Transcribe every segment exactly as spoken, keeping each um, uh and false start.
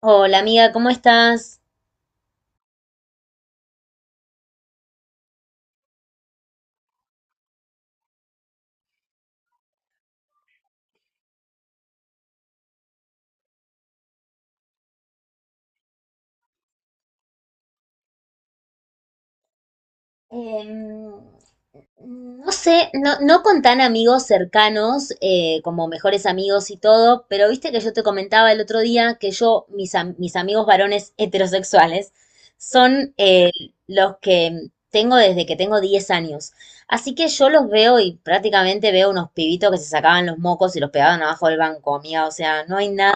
Hola amiga, ¿cómo estás? Em, no sé, no, no con tan amigos cercanos eh, como mejores amigos y todo, pero viste que yo te comentaba el otro día que yo, mis, am- mis amigos varones heterosexuales son eh, los que tengo desde que tengo diez años. Así que yo los veo y prácticamente veo unos pibitos que se sacaban los mocos y los pegaban abajo del banco, amiga. O sea, no hay nada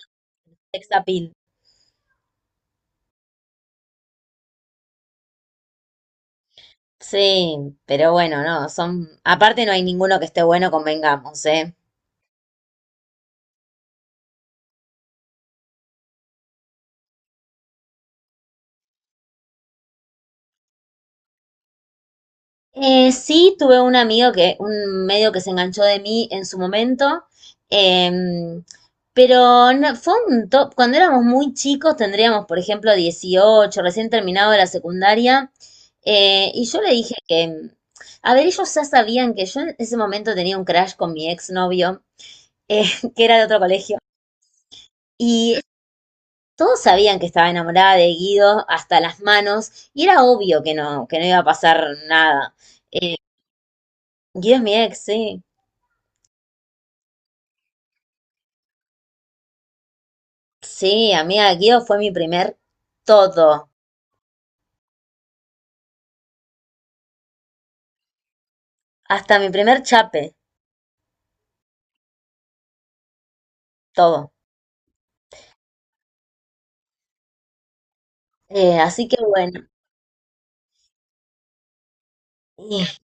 de sex appeal. Sí, pero bueno, no, son, aparte no hay ninguno que esté bueno, convengamos, ¿eh? Eh, sí, tuve un amigo que, un medio que se enganchó de mí en su momento, em, pero no- fue un top, cuando éramos muy chicos, tendríamos, por ejemplo, dieciocho, recién terminado de la secundaria, eh, y yo le dije que, a ver, ellos ya sabían que yo en ese momento tenía un crash con mi exnovio, eh, que era de otro colegio. Y todos sabían que estaba enamorada de Guido hasta las manos y era obvio que no, que no iba a pasar nada. Eh, Guido es mi ex, sí. Sí, amiga, Guido fue mi primer todo, hasta mi primer chape, todo. Eh, así que bueno, y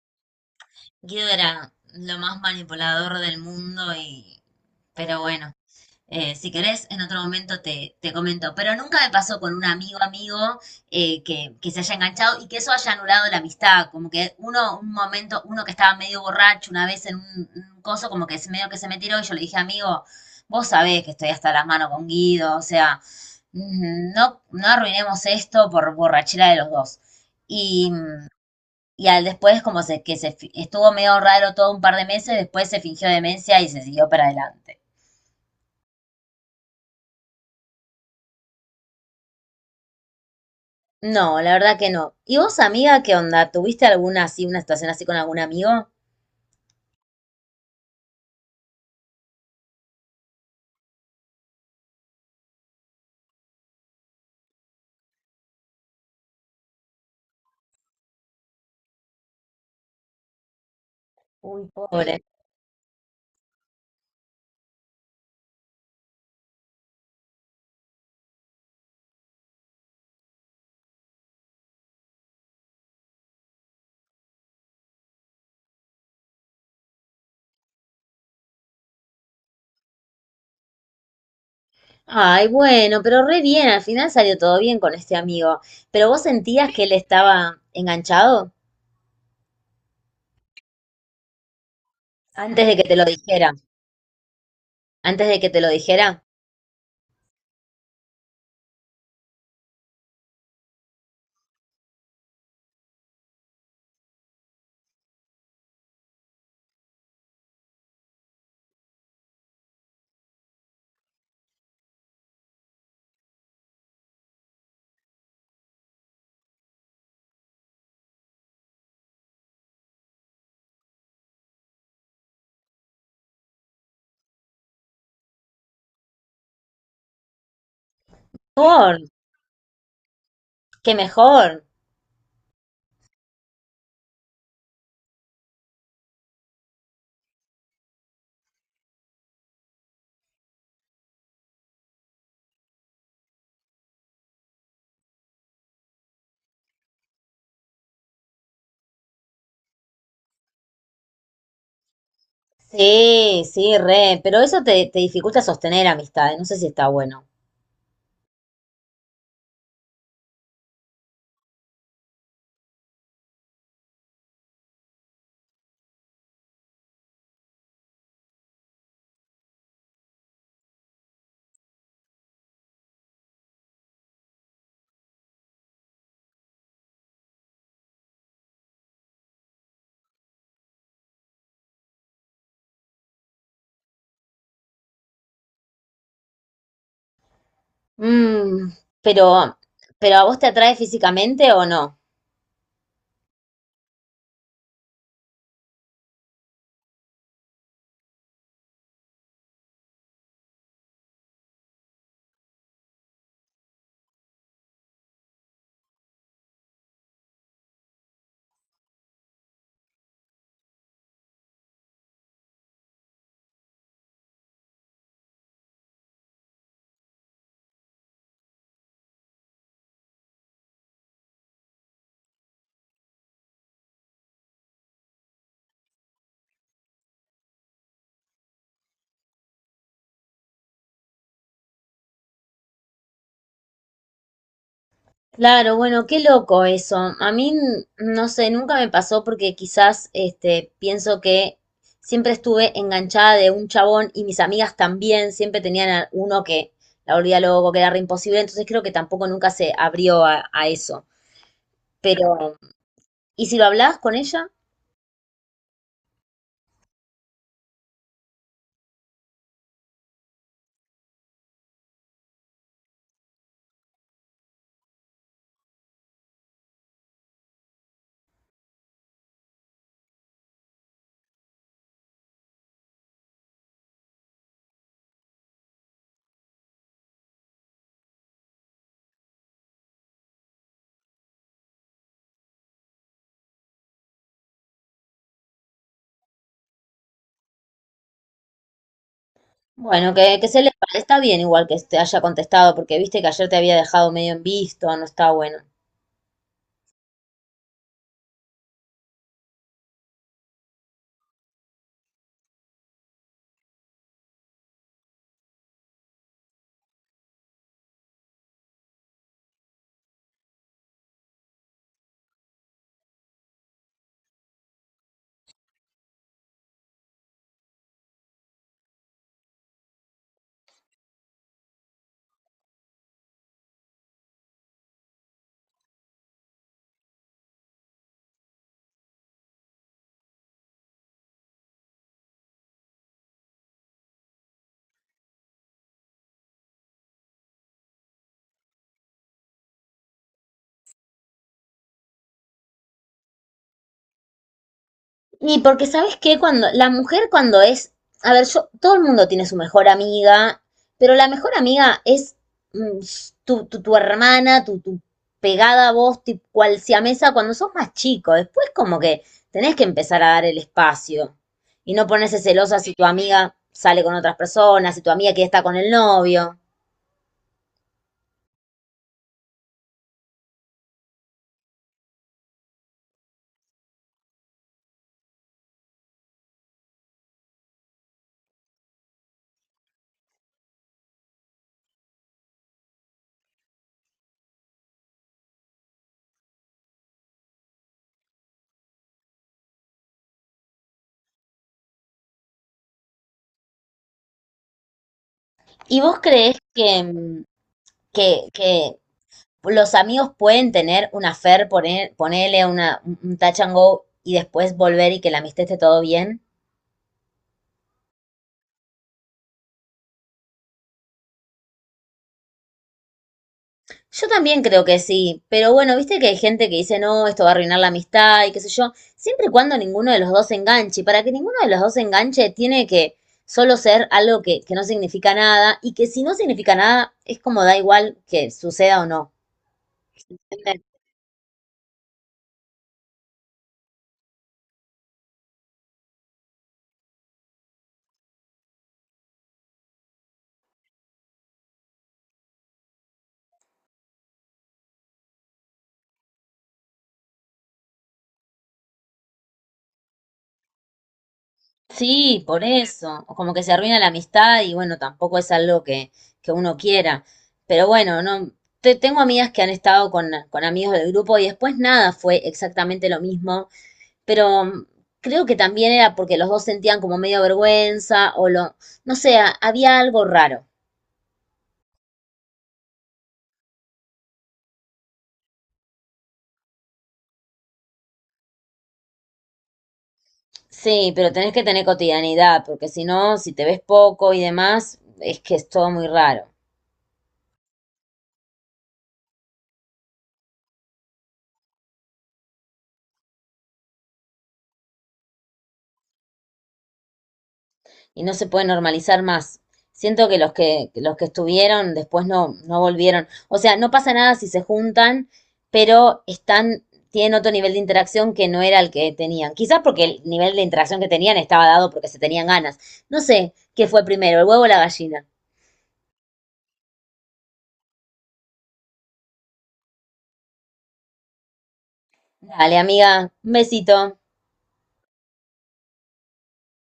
Guido era lo más manipulador del mundo y, pero bueno. Eh, si querés, en otro momento te, te comento. Pero nunca me pasó con un amigo amigo eh, que, que se haya enganchado y que eso haya anulado la amistad. Como que uno, un momento, uno que estaba medio borracho una vez en un, un coso, como que se- medio que se me tiró y yo le dije, amigo, vos sabés que estoy hasta las manos con Guido, o sea, mm, no, no arruinemos esto por borrachera de los dos. Y, mm, y al después, como se, que se fi- estuvo medio raro todo un par de meses, después se fingió demencia y se siguió para adelante. No, la verdad que no. ¿Y vos, amiga, qué onda? ¿Tuviste alguna así, una situación así con algún amigo? Uy, pobre. Pobre. Ay, bueno, pero re bien, al final salió todo bien con este amigo. ¿Pero vos sentías que él estaba enganchado antes de que te lo dijera? Antes de que te lo dijera. Mejor, qué mejor. Sí, sí, re, pero eso te, te dificulta sostener amistades, no sé si está bueno. Mm, pero, pero ¿a vos te atrae físicamente o no? Claro, bueno, qué loco eso. A mí, n- no sé, nunca me pasó porque quizás, este, pienso que siempre estuve enganchada de un chabón y mis amigas también siempre tenían a uno que la volvía loco, que era re imposible, entonces creo que tampoco nunca se abrió a, a eso. Pero, ¿y si lo hablás con ella? Bueno, que, que se le está bien igual que te haya contestado, porque viste que ayer te había dejado medio en visto, no está bueno. Y porque sabes que cuando la mujer cuando es, a ver, yo, todo el mundo tiene su mejor amiga, pero la mejor amiga es mm, tu, tu, tu hermana, tu, tu pegada a vos, tipo, cual siamesa, cuando sos más chico. Después como que tenés que empezar a dar el espacio y no ponerse celosa si tu amiga sale con otras personas, si tu amiga que está con el novio. ¿Y vos crees que, mm, que, que los amigos pueden tener una affair, poner, ponerle una, un touch and go y después volver y que la amistad esté todo bien? Yo también creo que sí, pero bueno, viste que hay gente que dice, no, esto va a arruinar la amistad y qué sé yo, siempre y cuando ninguno de los dos se enganche, y para que ninguno de los dos se enganche tiene que solo ser algo que, que no significa nada y que si no significa nada es como da igual que suceda o no. Sí, por eso, o como que se arruina la amistad y bueno, tampoco es algo que, que uno quiera. Pero bueno, no, te- tengo amigas que han estado con, con amigos del grupo y después nada fue exactamente lo mismo, pero mm, creo que también era porque los dos sentían como medio vergüenza o lo, no sé, a- había algo raro. Sí, pero tenés que tener cotidianidad, porque si no, si te ves poco y demás, es que es todo muy raro. Y no se puede normalizar más. Siento que los que, los que estuvieron después no, no volvieron. O sea, no pasa nada si se juntan, pero están, tienen otro nivel de interacción que no era el que tenían. Quizás porque el nivel de interacción que tenían estaba dado porque se tenían ganas. No sé qué fue primero, el huevo o la gallina. Dale, amiga, un besito.